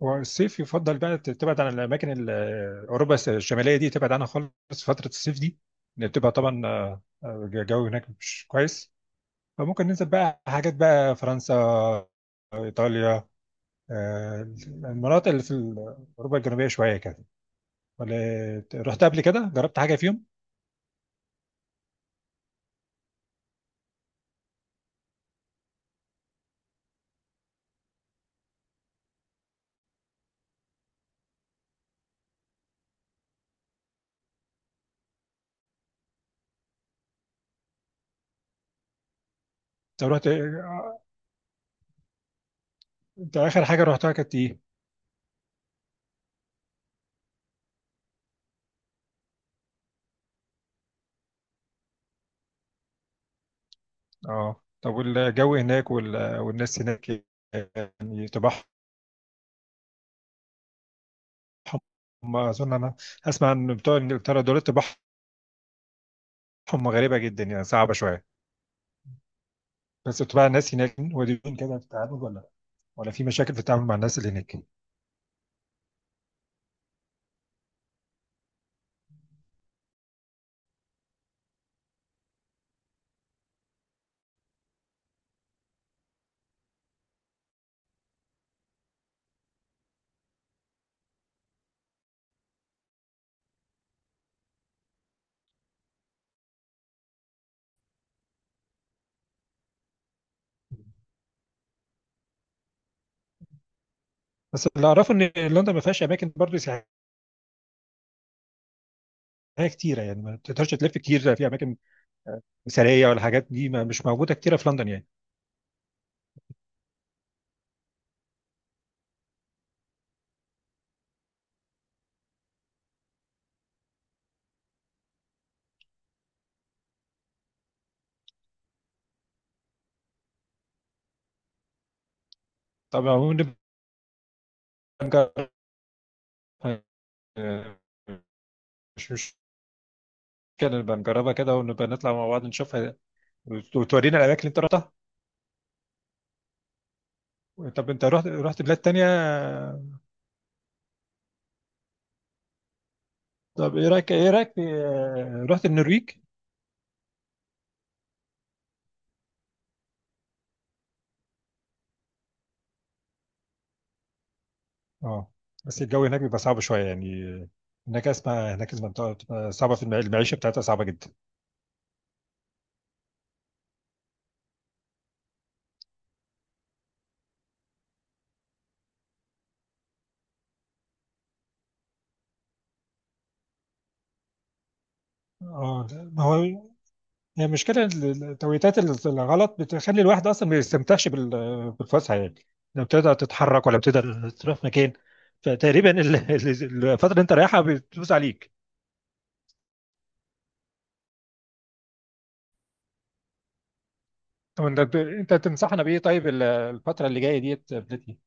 والصيف يفضل بقى تبعد عن الاماكن اوروبا الشماليه دي، تبعد عنها خالص فتره الصيف دي. لان بتبقى طبعا الجو هناك مش كويس. فممكن ننزل بقى حاجات بقى فرنسا، ايطاليا، المناطق اللي في اوروبا الجنوبيه شويه كده. ولا رحت قبل كده، جربت حاجه فيهم؟ طب رحت، انت اخر حاجه رحتها كانت ايه؟ اه طب والجو هناك والناس هناك، يعني طباعهم. اظن انا اسمع ان بتوع انجلترا دول طباعهم هم غريبة جدا يعني، صعبة شوية. بس بتبقى الناس هناك ودودين كده في التعامل، ولا ولا في مشاكل في التعامل مع الناس اللي هناك؟ بس اللي اعرفه ان لندن ما فيهاش اماكن برضه سياحيه كتيره، يعني ما تقدرش تلف كتير في اماكن مثاليه، ولا حاجات دي ما مش موجوده كتيره في لندن يعني. طبعا ونبقى نجرب، آه، مش مشكله، نبقى نجربها كده ونبقى نطلع مع بعض نشوفها. وتورينا الاماكن اللي انت رحتها. طب انت رحت بلاد تانية؟ طب ايه رايك، ايه رايك رحت النرويج؟ اه بس الجو هناك بيبقى صعب شويه يعني. هناك اسمع هناك المنطقه بتبقى صعبه، في المعيشه بتاعتها صعبه جدا. اه ما هو هي المشكله التوقيتات الغلط بتخلي الواحد اصلا ما يستمتعش بالفسحه يعني. لا بتقدر تتحرك ولا بتقدر تروح مكان. فتقريبا الفتره اللي انت رايحها بتدوس عليك. طب انت تنصحنا بايه طيب الفتره اللي جايه ديت يا بلتي؟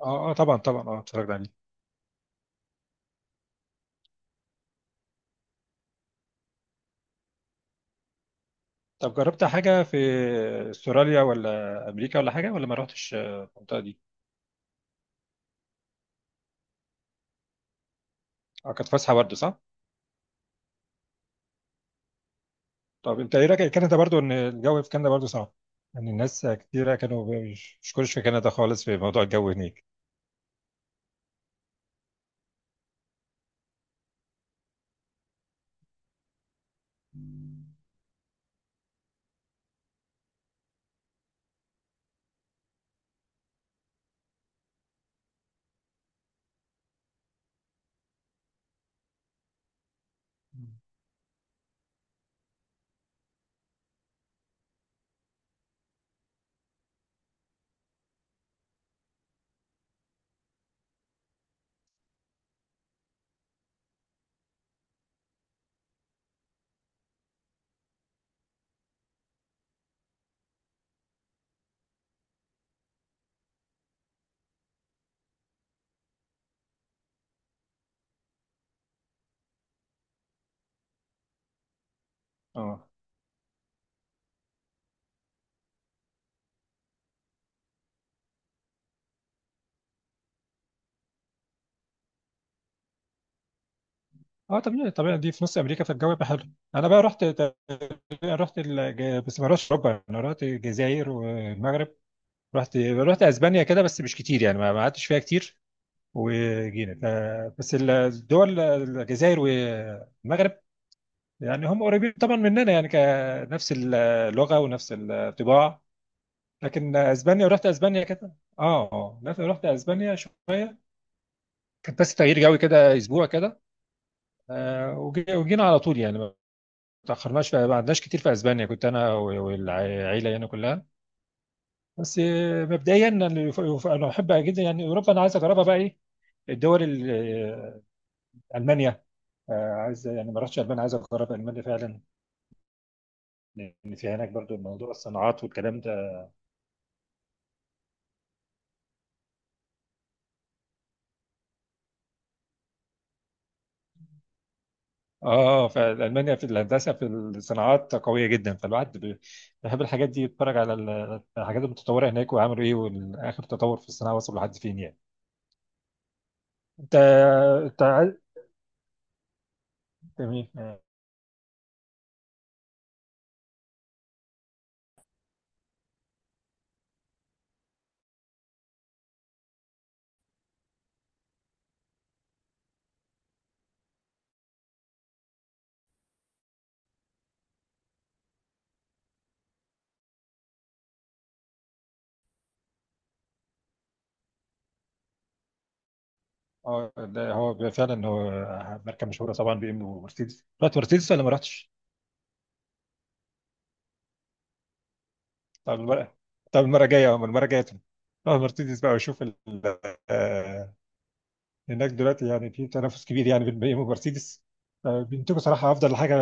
اه اه طبعا طبعا، اه اتفرجنا عليه. طب جربت حاجه في استراليا ولا امريكا ولا حاجه، ولا ما رحتش المنطقه دي؟ اه كانت فسحه برضه صح؟ طب انت ايه رايك كندا، برضه ان الجو في كندا برضه صعب؟ يعني الناس كتيرة كانوا مش مش كلش في كندا خالص في موضوع الجو هناك. اه اه طبيعي طبيعي، دي في نص امريكا فالجو يبقى حلو. انا بقى رحت تقريبا، رحت بس ما رحتش اوروبا، انا رحت الجزائر والمغرب. رحت رحت اسبانيا كده بس مش كتير يعني، ما ما قعدتش فيها كتير. وجينا ف... بس الدول الجزائر والمغرب يعني هم قريبين طبعا مننا يعني، كنفس اللغه ونفس الطباع. لكن اسبانيا، ورحت اسبانيا كده. اه اه لكن رحت اسبانيا شويه، كان بس تغيير جو كده اسبوع كده. آه وجينا على طول يعني، ما ما قعدناش كتير في اسبانيا، كنت انا والعيله يعني كلها. بس مبدئيا انا أنا بحب جدا يعني اوروبا، انا عايز اجربها بقى. ايه الدول آه، المانيا، عايز يعني، ما رحتش المانيا، عايز اجرب المانيا فعلا. لان في هناك برضو موضوع الصناعات والكلام ده. اه فالمانيا في الهندسه في الصناعات قويه جدا، فالواحد بيحب الحاجات دي، يتفرج على الحاجات المتطوره هناك وعملوا ايه واخر تطور في الصناعه وصل لحد فين يعني. انت انت عايز- جميل. اه ده هو فعلا، هو ماركه مشهوره طبعا بي ام ومرسيدس. رحت مرسيدس ولا ما رحتش؟ طب المره طب المره الجايه، أما المره الجايه اه مرسيدس بقى، وشوف آه، هناك دلوقتي يعني في تنافس كبير يعني بين بي ام ومرسيدس. بينتجوا صراحه افضل حاجه،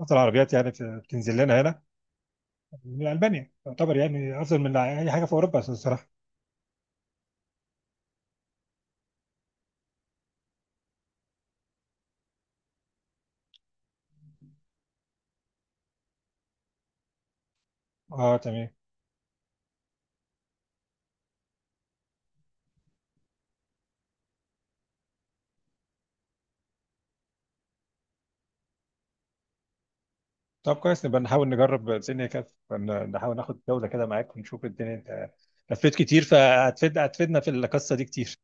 افضل عربيات يعني بتنزل لنا هنا من ألبانيا، يعتبر يعني أفضل من أي حاجة في أوروبا الصراحة. أه تمام. طب كويس نبقى نحاول نجرب الدنيا كده نحاول ناخد جولة كده معاك ونشوف الدنيا. أنت لفيت كتير فهتفيد، هتفيدنا في القصة دي كتير.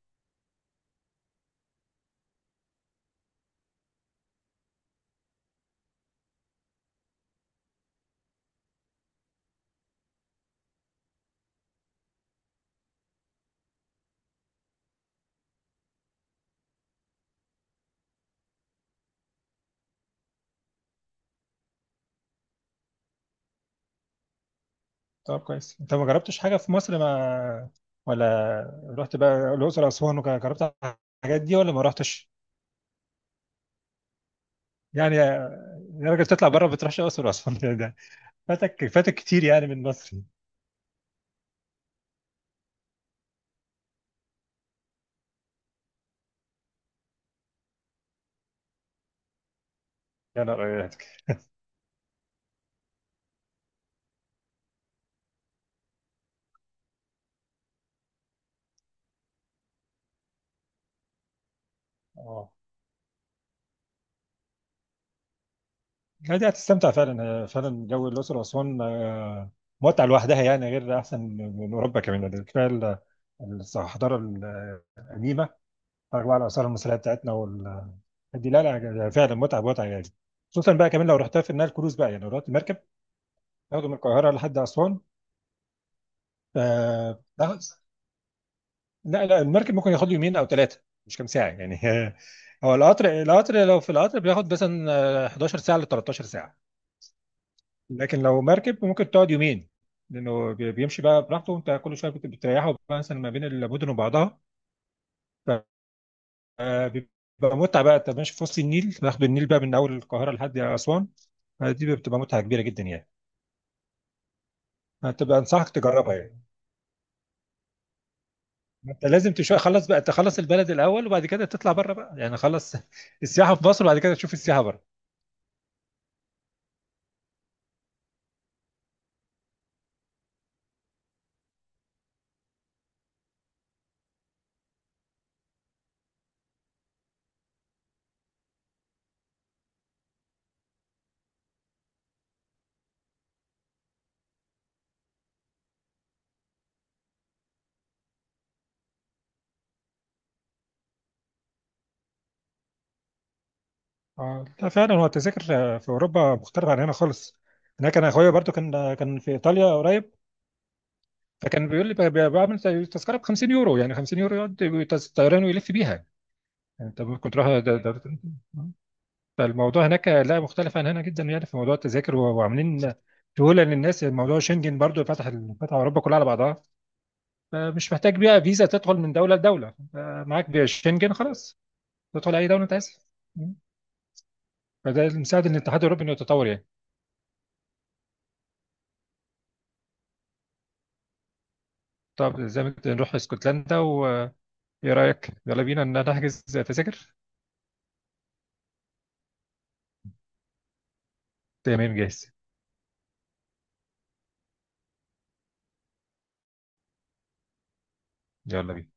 طب كويس أنت ما جربتش حاجة في مصر؟ ما ولا رحت بقى الأقصر وأسوان وجربت الحاجات دي، ولا ما رحتش؟ يعني يا راجل تطلع بره ما بتروحش الأقصر وأسوان ده ده فاتك فاتك كتير يعني من مصر. يا نهار أبيض. اه لا دي هتستمتع فعلا، فعلا جو الأقصر وأسوان متعة لوحدها يعني، غير أحسن من أوروبا كمان يعني. كفاية الحضارة القديمة، أربعة الآثار المصرية بتاعتنا وال دي. لا لا يعني فعلا متعة متعة يعني. خصوصا بقى كمان لو رحتها في النيل كروز بقى، يعني لو رحت مركب تاخده من القاهرة لحد أسوان. لا لا المركب ممكن ياخد يومين أو ثلاثة، مش كام ساعة يعني هو القطر لو في القطر بياخد مثلا 11 ساعة ل 13 ساعة. لكن لو مركب ممكن تقعد يومين، لانه بيمشي بقى براحته، وانت كل شويه بتريحه بقى مثلا ما بين المدن وبعضها. فبيبقى متعه بقى، انت ماشي في وسط النيل، باخد النيل بقى من اول القاهره لحد اسوان. دي بتبقى متعه كبيره جدا يعني. هتبقى انصحك تجربها يعني. انت لازم تشوف، خلص بقى تخلص البلد الاول وبعد كده تطلع بره بقى يعني، خلص السياحه في مصر وبعد كده تشوف السياحه بره. اه لا فعلا هو التذاكر في اوروبا مختلف عن هنا خالص. هناك انا اخويا برضو كان في ايطاليا قريب، فكان بيقول لي بعمل زي تذكره ب 50 يورو، يعني 50 يورو يقعد طيران ويلف بيها. يعني انت كنت رايح فالموضوع هناك لا مختلف عن هنا جدا يعني، في موضوع التذاكر وعاملين سهوله للناس. موضوع شنجن برضو فتح فتح اوروبا كلها على بعضها، فمش محتاج بقى فيزا تدخل من دوله لدوله، معاك بيها شنجن خلاص، تدخل اي دوله انت عايزها. فده اللي مساعد ان الاتحاد الاوروبي انه يتطور يعني. طب زي ما قلت نروح اسكتلندا، وايه رايك؟ يلا بينا ان نحجز تذاكر. تمام جاهز. يلا بينا.